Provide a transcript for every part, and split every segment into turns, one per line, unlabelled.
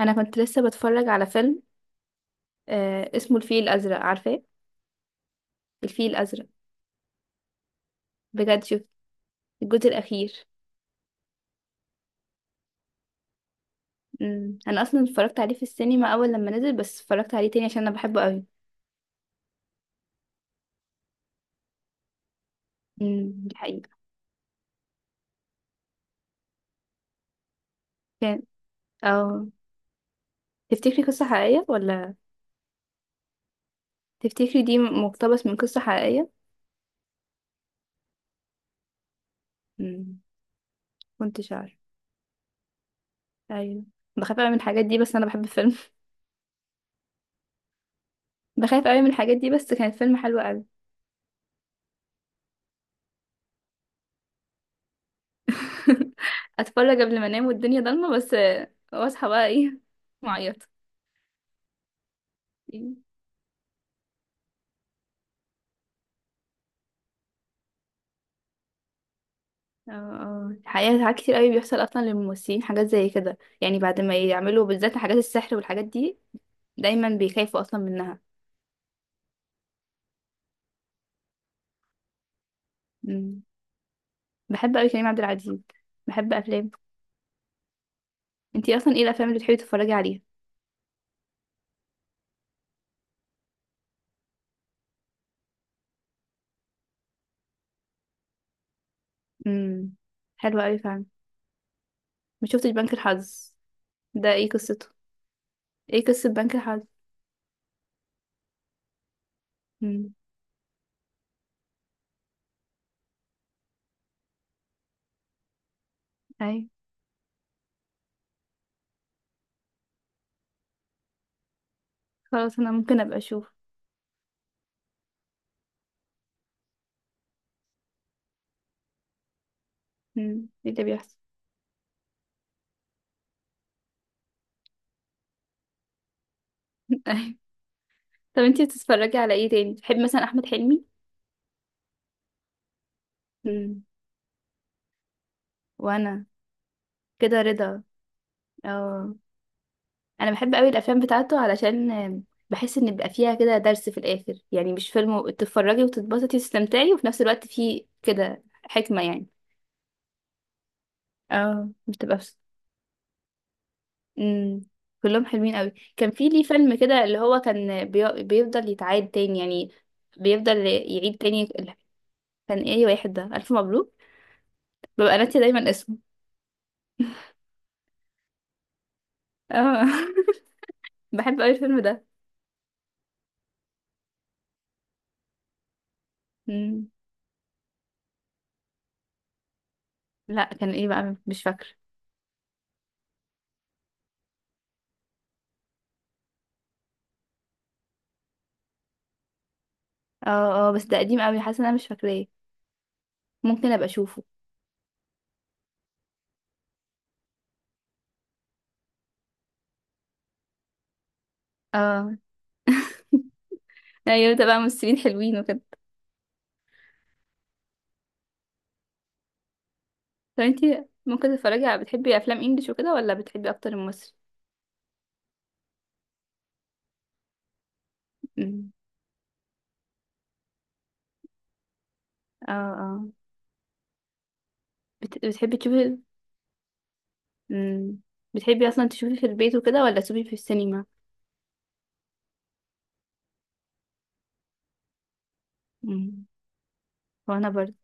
انا كنت لسه بتفرج على فيلم. اسمه الفيل الازرق، عارفاه؟ الفيل الازرق. بجد، شوف الجزء الاخير. انا اصلا اتفرجت عليه في السينما اول لما نزل، بس اتفرجت عليه تاني عشان انا بحبه قوي. دي حقيقة؟ كان، او، تفتكري قصة حقيقية ولا؟ تفتكري دي مقتبس من قصة حقيقية؟ امم كنتش عارفة. ايوه. بخاف قوي من الحاجات دي بس انا بحب الفيلم. بخاف قوي من الحاجات دي بس كان الفيلم حلو قوي. اتفرج قبل ما انام والدنيا ضلمة بس واصحى بقى ايه؟ معيط. اه اه، الحقيقة ساعات كتير قوي بيحصل اصلا للممثلين حاجات زي كده، بعد ما يعملوا بالذات حاجات السحر والحاجات دي. دايما بيخافوا اصلا منها. مم. بحب قوي كريم عبد العزيز. بحب افلام. انتي اصلا ايه الافلام اللي بتحبي تتفرجي عليها؟ امم حلوة قوي فعلا. ما شفتش بنك الحظ. ده ايه قصته؟ ايه قصة بنك الحظ؟ امم. اي. خلاص، انا ممكن ابقى اشوف. امم، ايه اللي بيحصل؟ اي. طب انتي بتتفرجي على ايه تاني؟ بتحبي مثلا احمد حلمي؟ امم. وانا كده رضا. اه، انا بحب قوي الافلام بتاعته علشان بحس ان بيبقى فيها كده درس في الاخر، مش فيلم تتفرجي وتتبسطي وتستمتعي، وفي نفس الوقت فيه كده حكمة يعني. اه بتبقى بس... مم. كلهم حلوين قوي. كان في ليه فيلم كده اللي هو كان بيفضل يتعاد تاني يعني، بيفضل يعيد تاني. كان ايه واحد ده؟ الف مبروك. ببقى ناسية دايما اسمه. اه. بحب قوي الفيلم ده. مم. لا كان ايه بقى؟ مش فاكره. اه اه، بس ده قديم قوي، حاسه ان انا مش فاكراه. ممكن ابقى اشوفه. اه. ايوه، ده بقى ممثلين حلوين وكده. طب انتي ممكن تتفرجي على، بتحبي افلام انجلش وكده ولا بتحبي اكتر المصري؟ امم. اه اه. بتحبي تشوفي. امم. بتحبي اصلا تشوفي في البيت وكده ولا تشوفي في السينما؟ امم. وانا برضه.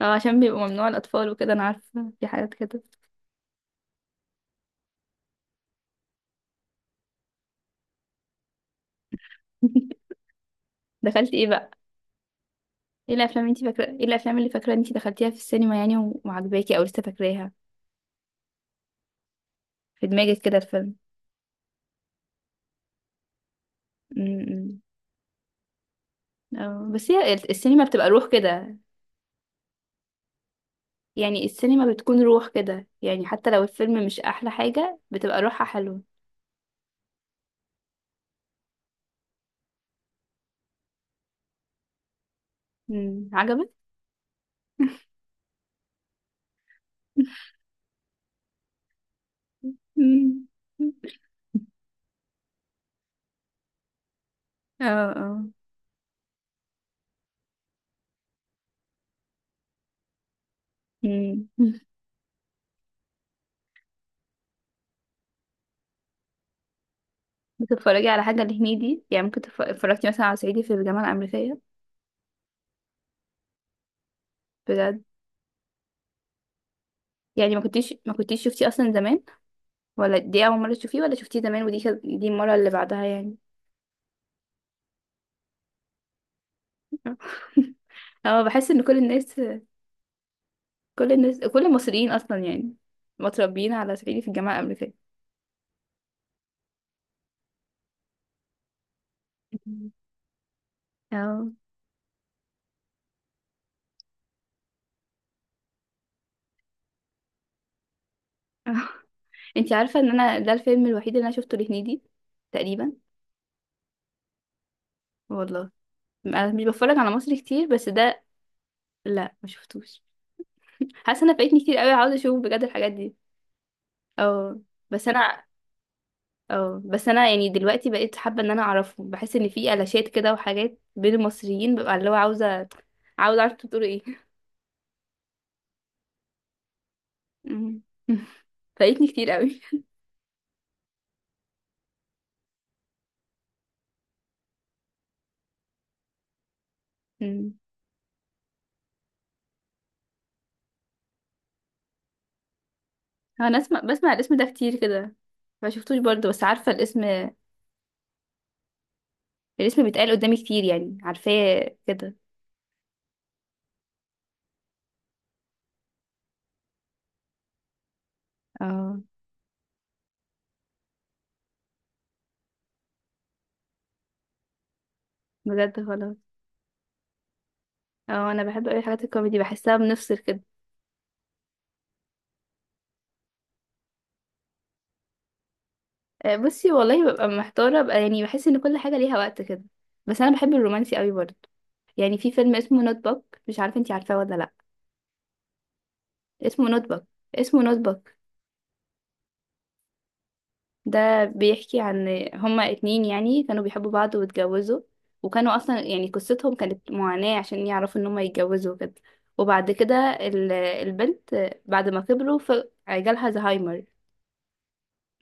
اه، عشان بيبقوا ممنوع الاطفال وكده، انا عارفه في حاجات كده. دخلتي ايه بقى؟ ايه الافلام، انتي فاكره ايه الافلام اللي فاكره انتي دخلتيها في السينما يعني وعجباكي او لسه فاكراها في دماغك كده الفيلم؟ امم. أمم. اه بس هي السينما بتبقى روح كده. يعني السينما بتكون روح كده، يعني حتى لو الفيلم مش احلى حاجة بتبقى روحها حلوة. امم، عجبك؟ مم. اه اه. مم. بتتفرجي على حاجة لهنيدي؟ يعني ممكن اتفرجتي مثلا على صعيدي في الجامعة الأمريكية؟ بجد؟ يعني ما كنتيش شفتيه أصلا زمان؟ ولا دي أول مرة تشوفيه ولا شفتيه زمان دي المرة اللي بعدها يعني؟ اه، بحس إن كل الناس، كل المصريين أصلا يعني متربيين على صعيدي في الجامعة الأمريكية. مم. اه. انتي عارفة ان انا ده الفيلم الوحيد اللي انا شفته لهنيدي تقريبا. والله انا مش بتفرج على مصري كتير بس ده. لا ما شفتوش. حاسة انا فايتني كتير قوي، عاوزة اشوف بجد الحاجات دي. اه. بس انا اه، بس انا يعني دلوقتي بقيت حابة ان انا اعرفه، بحس ان في قلاشات كده وحاجات بين المصريين ببقى اللي هو عاوزة، عاوزة اعرف انتوا بتقولوا ايه. مم. فايتني كتير قوي. مم. انا اسمع، بسمع الاسم ده كتير كده. ما شفتوش برضه بس عارفة الاسم. الاسم بيتقال قدامي كتير يعني، عارفاه كده. اه. بجد؟ خلاص. اه انا بحب اوي حاجات الكوميدي، بحسها بنفصل كده. بصي، والله ببقى محتاره، ببقى يعني بحس ان كل حاجه ليها وقت كده. بس انا بحب الرومانسي قوي برضه. يعني في فيلم اسمه نوت بوك، مش عارفه انتي عارفاه ولا لا. اسمه نوت بوك. اسمه نوت بوك. ده بيحكي عن، هما اتنين يعني كانوا بيحبوا بعض واتجوزوا، وكانوا اصلا يعني قصتهم كانت معاناة عشان يعرفوا ان هما يتجوزوا كده. وبعد كده البنت بعد ما كبروا جالها زهايمر.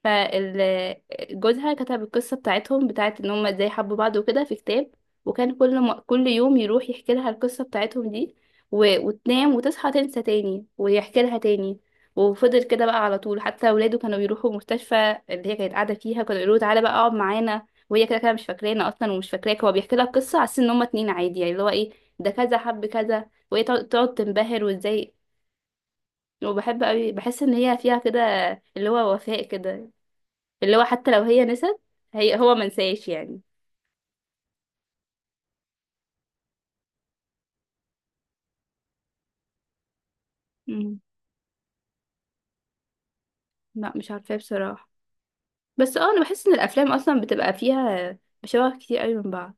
فجوزها كتب القصة بتاعتهم بتاعت ان هما ازاي حبوا بعض وكده في كتاب. وكان كل يوم يروح يحكي لها القصة بتاعتهم دي، وتنام وتصحى تنسى تاني ويحكي لها تاني. وفضل كده بقى على طول، حتى ولاده كانوا بيروحوا المستشفى اللي هي كانت قاعدة فيها كانوا يقولوا له تعالى بقى اقعد معانا، وهي كده كده مش فاكرانا اصلا ومش فاكراك، هو بيحكي لها القصة على أساس ان هما اتنين عادي، يعني اللي هو ايه، ده كذا حب كذا، وهي تقعد، تقعد تنبهر وازاي. وبحب قوي، بحس ان هي فيها كده اللي هو وفاء كده، اللي هو حتى لو هي نسيت هي هو منساش يعني. مم. لا مش عارفاه بصراحة. بس اه انا بحس ان الافلام اصلا بتبقى فيها مشابه كتير قوي من بعض.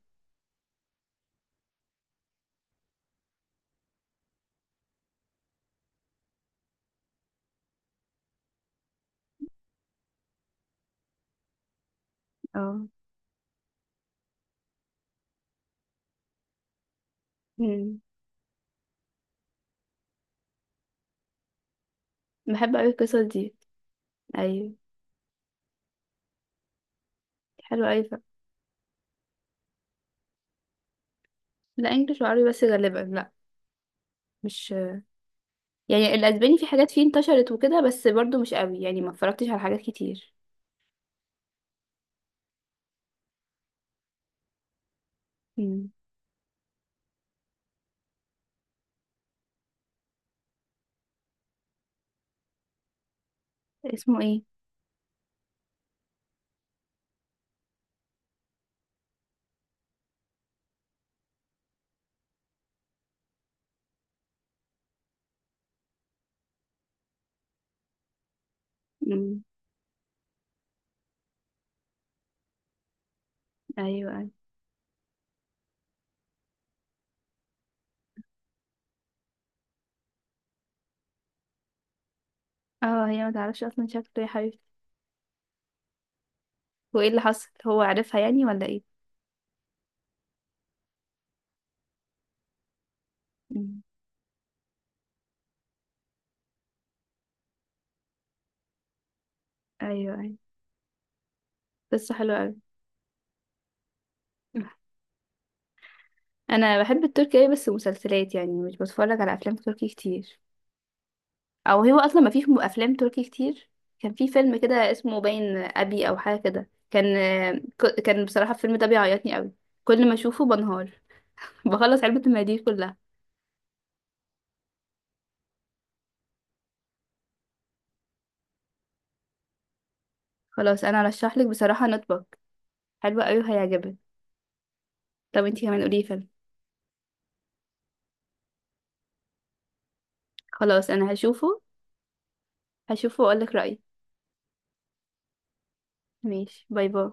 اه. امم. بحب قوي القصص دي. ايوه. حلوة قوي فعلا. لا انجلش وعربي بس غالبا، لا مش، يعني الاسباني في حاجات فيه انتشرت وكده بس برضو مش قوي يعني، ما اتفرجتش على حاجات كتير. امم. اسمه ايه؟ امم. ايوه. أيوة. اه هي ما تعرفش اصلا شكله يا حبيبتي. وايه اللي حصل؟ هو عارفها يعني ولا ايه؟ مم. ايوه ايوه. قصة حلوة قوي. انا بحب التركي أوي بس مسلسلات، يعني مش بتفرج على افلام تركي كتير. او هو اصلا ما فيش افلام تركي كتير. كان في فيلم كده اسمه باين ابي او حاجه كده، كان، كان بصراحه الفيلم ده بيعيطني قوي. كل ما اشوفه بنهار. بخلص علبه المناديل كلها. خلاص انا ارشح لك بصراحه نطبق. حلوه قوي وهيعجبك. طب انتي كمان قولي فيلم. خلاص انا هشوفه. هشوفه واقول لك رايي. ماشي. باي باي.